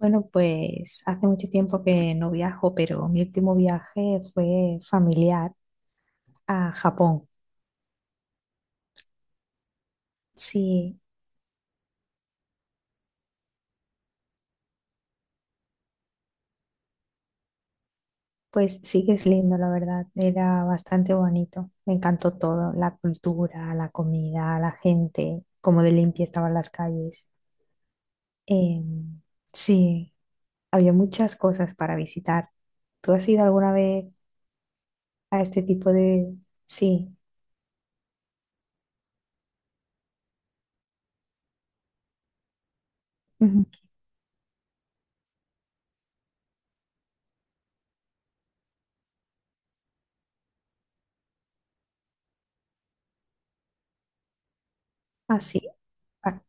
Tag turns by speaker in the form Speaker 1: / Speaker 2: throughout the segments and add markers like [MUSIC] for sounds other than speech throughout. Speaker 1: Bueno, pues hace mucho tiempo que no viajo, pero mi último viaje fue familiar a Japón. Sí, pues sí que es lindo, la verdad. Era bastante bonito. Me encantó todo, la cultura, la comida, la gente, cómo de limpia estaban las calles. Em, sí, había muchas cosas para visitar. ¿Tú has ido alguna vez a este tipo de... Sí, ujú. Ah, sí. Ah,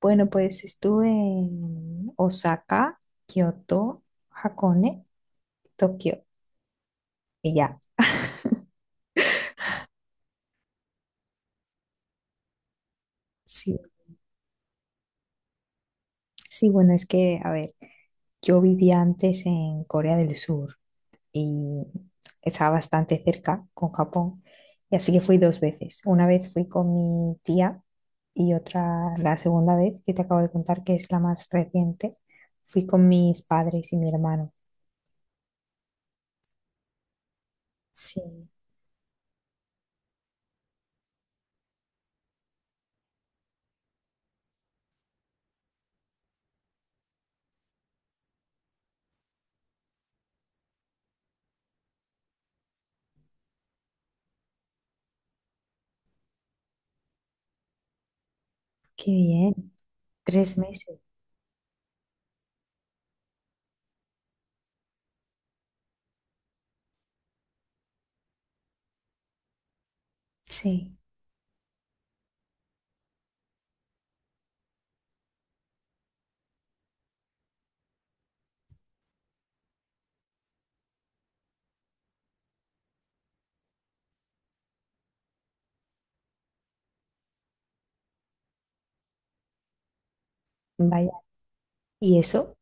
Speaker 1: bueno, pues estuve en Osaka, Kioto, Hakone, Tokio y ya. Sí, sí, bueno, es que, a ver, yo vivía antes en Corea del Sur y estaba bastante cerca con Japón, y así que fui dos veces. Una vez fui con mi tía y otra, la segunda vez que te acabo de contar, que es la más reciente, fui con mis padres y mi hermano. Sí, qué bien. 3 meses. Sí, vaya. ¿Y eso?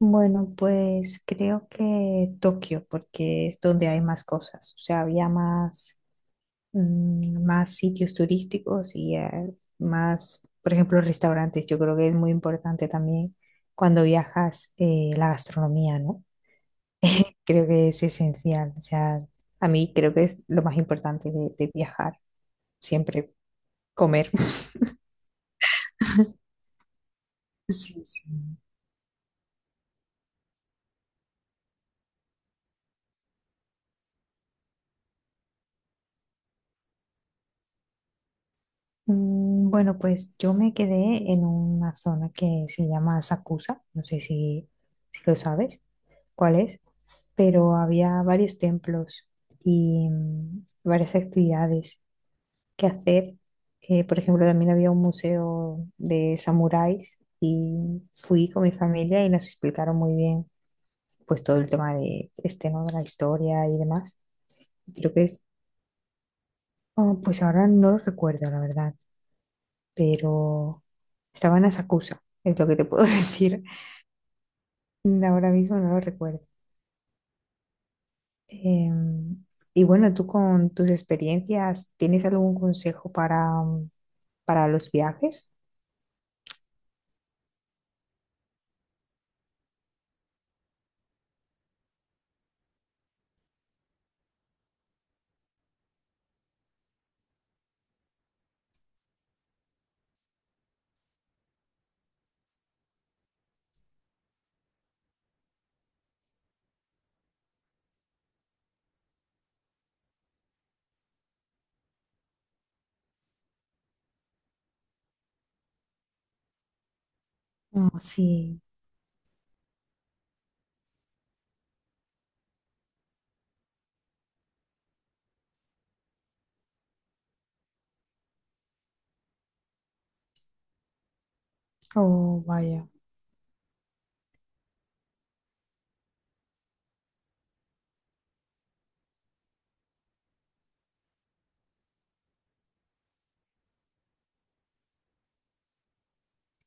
Speaker 1: Bueno, pues creo que Tokio, porque es donde hay más cosas, o sea, había más, más sitios turísticos y más, por ejemplo, restaurantes. Yo creo que es muy importante también cuando viajas, la gastronomía, ¿no? Creo que es esencial, o sea, a mí creo que es lo más importante de viajar, siempre comer. [LAUGHS] Sí, sí. Bueno, pues yo me quedé en una zona que se llama Sakusa, no sé si lo sabes cuál es, pero había varios templos y varias actividades que hacer. Por ejemplo, también había un museo de samuráis y fui con mi familia y nos explicaron muy bien pues todo el tema de este, ¿no?, de la historia y demás. Creo que es, oh, pues ahora no lo recuerdo, la verdad. Pero estaban a Sakusa, es lo que te puedo [LAUGHS] decir. Ahora mismo no lo recuerdo. Em, y bueno, tú con tus experiencias, ¿tienes algún consejo para los viajes? Oh, sí, oh, vaya,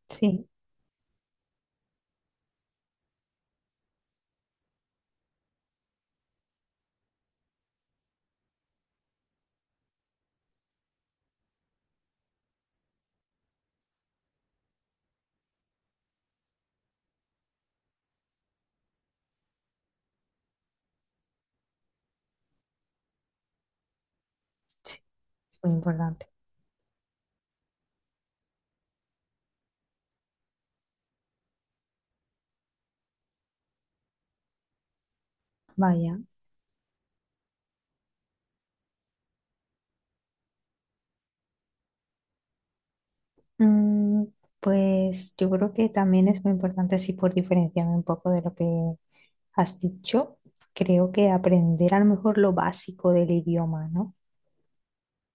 Speaker 1: sí, sí, es muy importante. Vaya, Mm, pues yo creo que también es muy importante, así por diferenciarme un poco de lo que has dicho, creo que aprender a lo mejor lo básico del idioma, ¿no?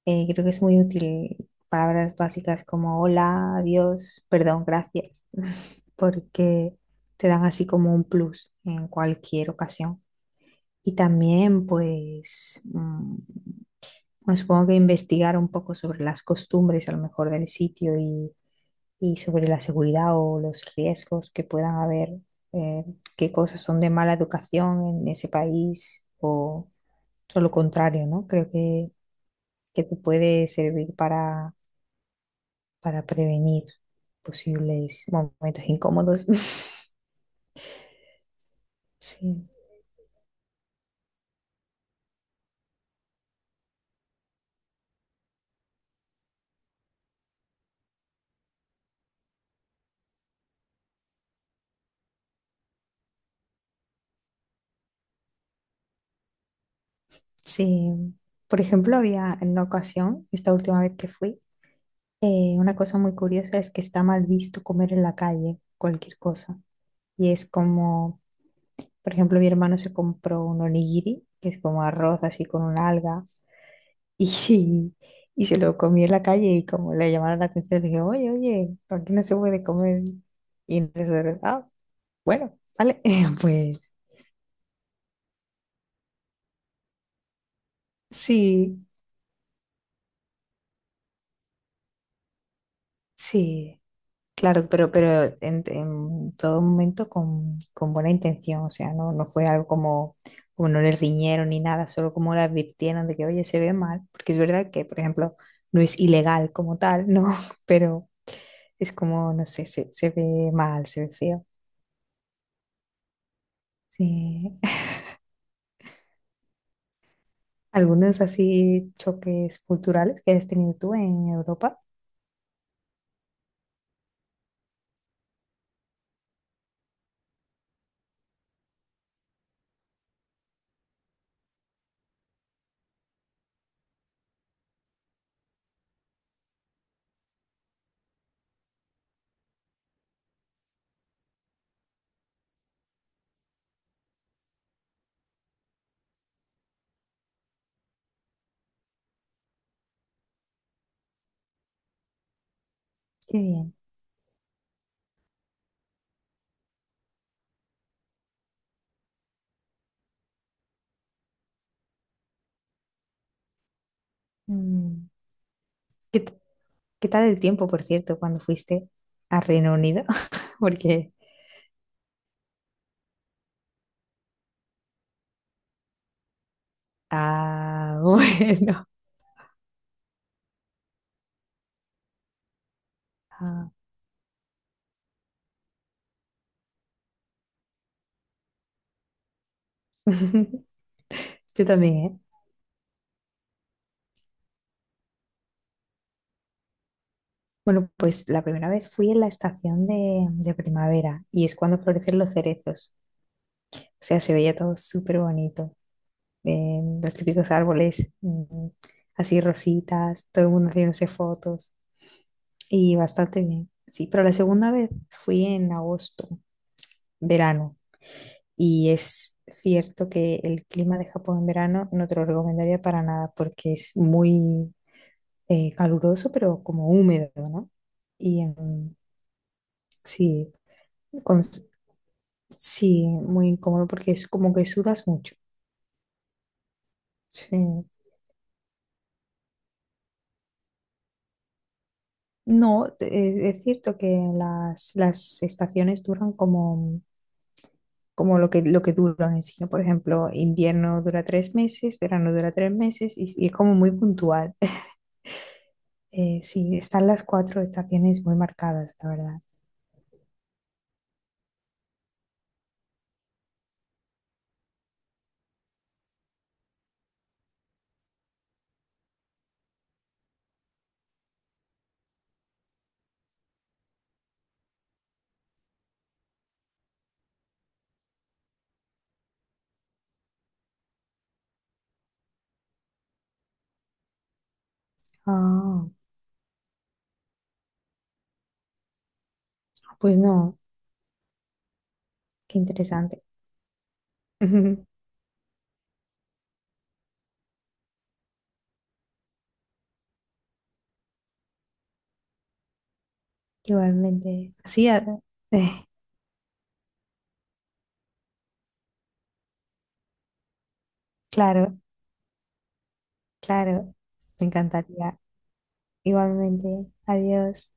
Speaker 1: Creo que es muy útil palabras básicas como hola, adiós, perdón, gracias, [LAUGHS] porque te dan así como un plus en cualquier ocasión. Y también, pues, bueno, supongo que investigar un poco sobre las costumbres a lo mejor del sitio y sobre la seguridad o los riesgos que puedan haber, eh, qué cosas son de mala educación en ese país o todo lo contrario, ¿no? Creo que te puede servir para prevenir posibles momentos incómodos. [LAUGHS] Sí, sí. Por ejemplo, había en una ocasión, esta última vez que fui, una cosa muy curiosa es que está mal visto comer en la calle cualquier cosa. Y es como, por ejemplo, mi hermano se compró un onigiri, que es como arroz así con un alga, [LAUGHS] y, y se lo comió en la calle y como le llamaron la atención, dije, oye, oye, aquí no se puede comer. Y entonces, ah, bueno, vale, [LAUGHS] pues sí, sí, claro, pero en todo momento con buena intención, o sea, no, no fue algo como, como no le riñeron ni nada, solo como le advirtieron de que, oye, se ve mal, porque es verdad que, por ejemplo, no es ilegal como tal, ¿no? [LAUGHS] Pero es como, no sé, se ve mal, se ve feo. Sí. [LAUGHS] Algunos así choques culturales que has tenido tú en Europa. Qué bien. Mm, ¿Qué, t- qué tal el tiempo, por cierto, cuando fuiste a Reino Unido? [LAUGHS] Porque... Ah, [LAUGHS] bueno. Ah. [LAUGHS] Yo también, ¿eh? Bueno, pues la primera vez fui en la estación de primavera y es cuando florecen los cerezos. O sea, se veía todo súper bonito. Los típicos árboles, así rositas, todo el mundo haciéndose fotos y bastante bien. Sí, pero la segunda vez fui en agosto, verano, y es cierto que el clima de Japón en verano no te lo recomendaría para nada porque es muy, caluroso, pero como húmedo, ¿no? Y sí, con- sí, muy incómodo porque es como que sudas mucho. Sí. No, es cierto que las estaciones duran como, como lo que duran en sí, ¿no? Por ejemplo, invierno dura 3 meses, verano dura 3 meses y es como muy puntual. [LAUGHS] Sí, están las cuatro estaciones muy marcadas, la verdad. Ah, pues no, qué interesante. [LAUGHS] Igualmente. Sí, [LAUGHS] claro, claro, me encantaría. Igualmente, adiós.